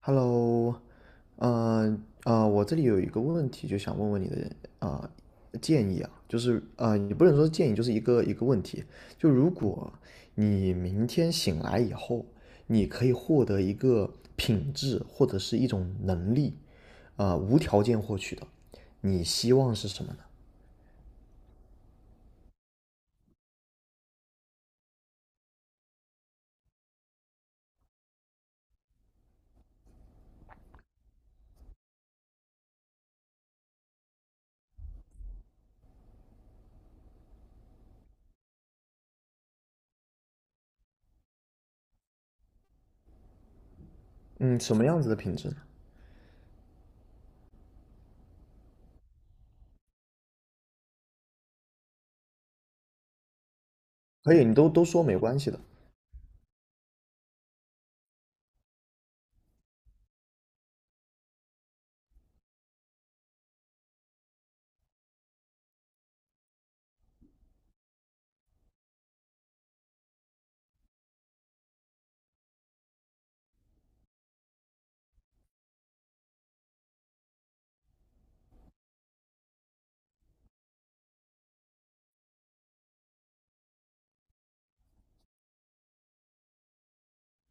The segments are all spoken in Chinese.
Hello,呃我这里有一个问题，就想问问你的啊、建议啊，就是,也不能说是建议，就是一个问题。就如果你明天醒来以后，你可以获得一个品质或者是一种能力，无条件获取的，你希望是什么呢？嗯，什么样子的品质呢？可以，你都说没关系的。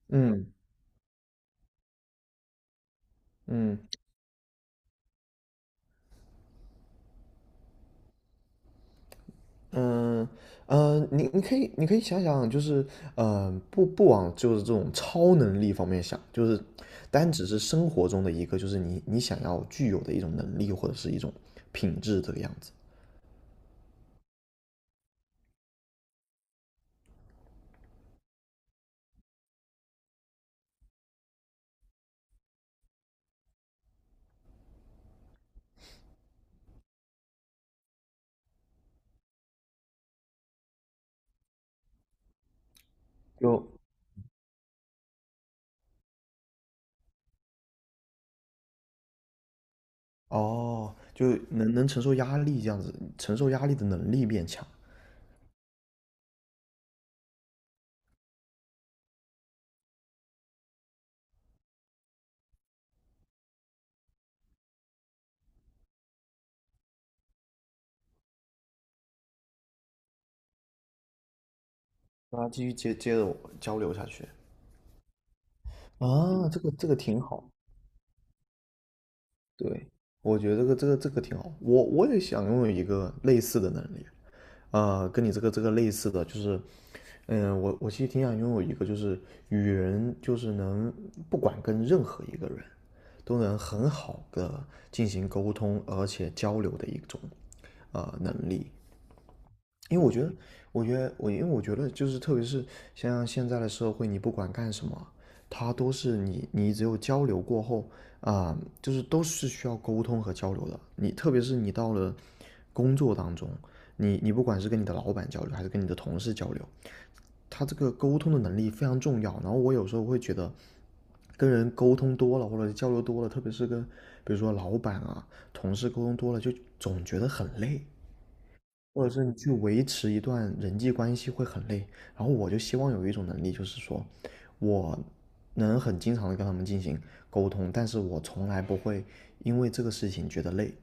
嗯嗯嗯你可以想想，就是嗯，不往就是这种超能力方面想，就是单只是生活中的一个，就是你想要具有的一种能力或者是一种品质这个样子。就哦，就能承受压力这样子，承受压力的能力变强。那继续接着我交流下去。啊，这个挺好，对，我觉得这个挺好。我也想拥有一个类似的能力，呃，跟你这个类似的，就是嗯，我其实挺想拥有一个，就是与人就是能不管跟任何一个人都能很好的进行沟通，而且交流的一种能力。因为我觉得，我觉得我因为我觉得就是特别是像现在的社会，你不管干什么，它都是你只有交流过后就是都是需要沟通和交流的。你特别是你到了工作当中，你不管是跟你的老板交流，还是跟你的同事交流，他这个沟通的能力非常重要。然后我有时候会觉得，跟人沟通多了或者交流多了，特别是跟比如说老板啊、同事沟通多了，就总觉得很累，或者是你去维持一段人际关系会很累。然后我就希望有一种能力，就是说我能很经常的跟他们进行沟通，但是我从来不会因为这个事情觉得累。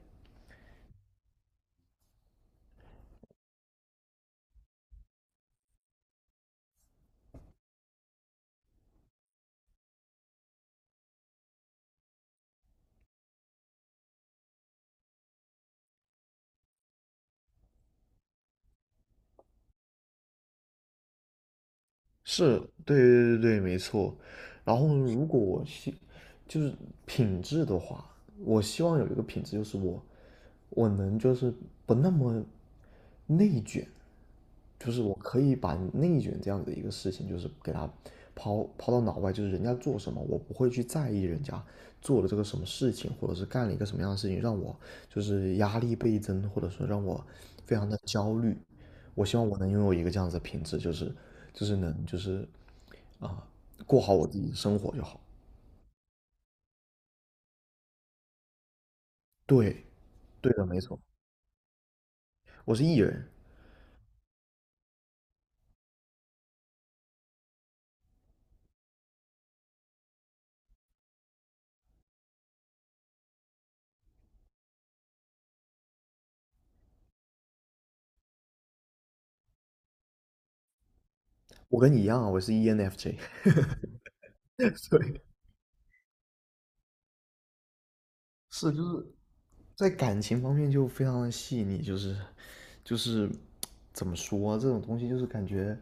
是，对，没错。然后如果我希就是品质的话，我希望有一个品质就是我能就是不那么内卷，就是我可以把内卷这样的一个事情，就是给它抛到脑外，就是人家做什么，我不会去在意人家做了这个什么事情，或者是干了一个什么样的事情，让我就是压力倍增，或者说让我非常的焦虑。我希望我能拥有一个这样子的品质，就是就是能就是啊，过好我自己的生活就好。对，对的，没错，我是 E 人，我跟你一样啊，我是 ENFJ。对，是就是在感情方面就非常的细腻，就是就是怎么说啊这种东西，就是感觉，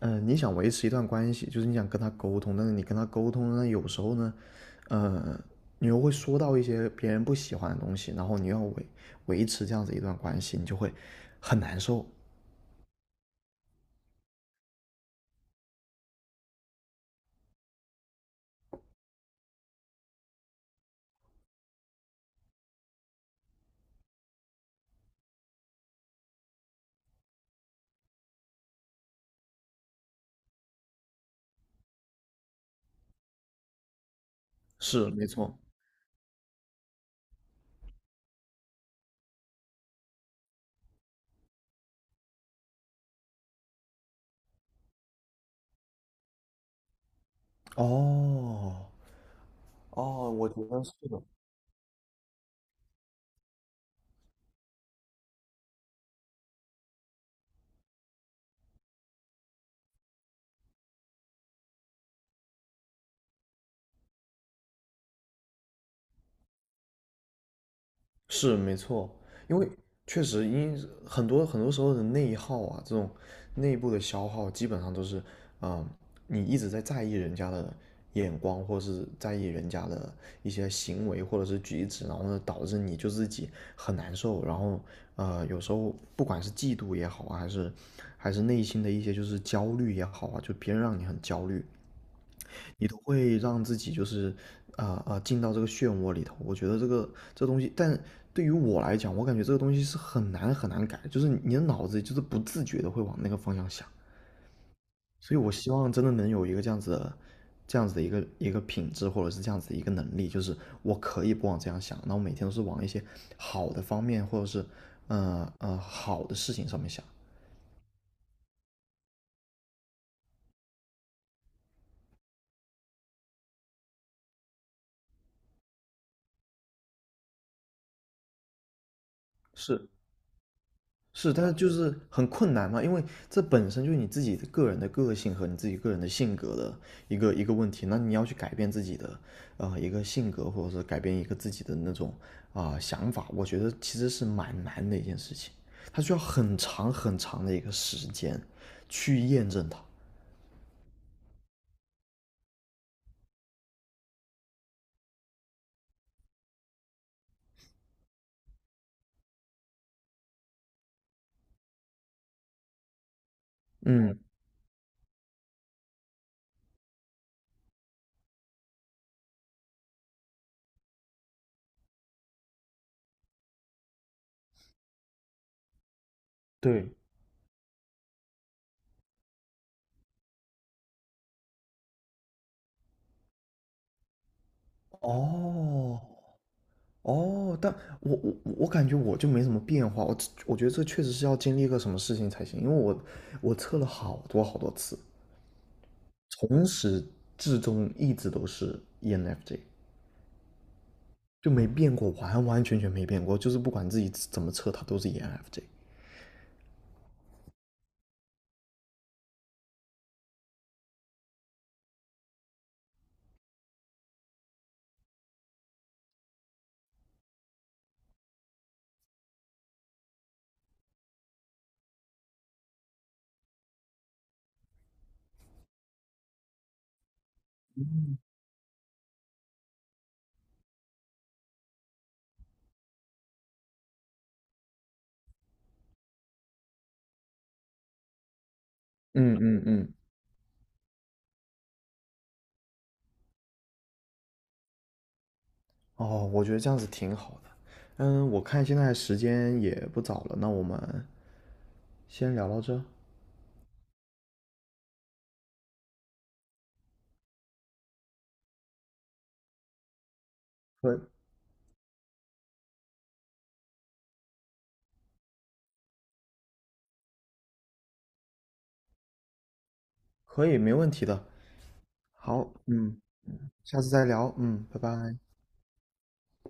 嗯、你想维持一段关系，就是你想跟他沟通，但是你跟他沟通呢，有时候呢，呃，你又会说到一些别人不喜欢的东西，然后你要维维持这样子一段关系，你就会很难受。是，没错。哦，哦，我觉得是的。是没错，因为确实很多很多时候的内耗啊，这种内部的消耗，基本上都是，嗯，你一直在在意人家的眼光，或是在意人家的一些行为或者是举止，然后呢，导致你就自己很难受，然后呃，有时候不管是嫉妒也好啊，还是内心的一些就是焦虑也好啊，就别人让你很焦虑，你都会让自己就是进到这个漩涡里头。我觉得这个这东西，但对于我来讲，我感觉这个东西是很难很难改，就是你的脑子就是不自觉的会往那个方向想。所以我希望真的能有一个这样子的。这样子的一个品质，或者是这样子的一个能力，就是我可以不往这样想，那我每天都是往一些好的方面，或者是好的事情上面想。是是，但是就是很困难嘛，因为这本身就是你自己的个人的个性和你自己个人的性格的一个问题。那你要去改变自己的一个性格，或者是改变一个自己的那种想法，我觉得其实是蛮难的一件事情，它需要很长很长的一个时间去验证它。嗯，对，哦哦,我我感觉我就没什么变化，我觉得这确实是要经历一个什么事情才行，因为我测了好多好多次，从始至终一直都是 ENFJ,就没变过，完完全全没变过，就是不管自己怎么测，它都是 ENFJ。嗯嗯嗯，哦，我觉得这样子挺好的。嗯，我看现在时间也不早了，那我们先聊到这，可可以，没问题的。好，嗯，下次再聊，嗯，拜拜。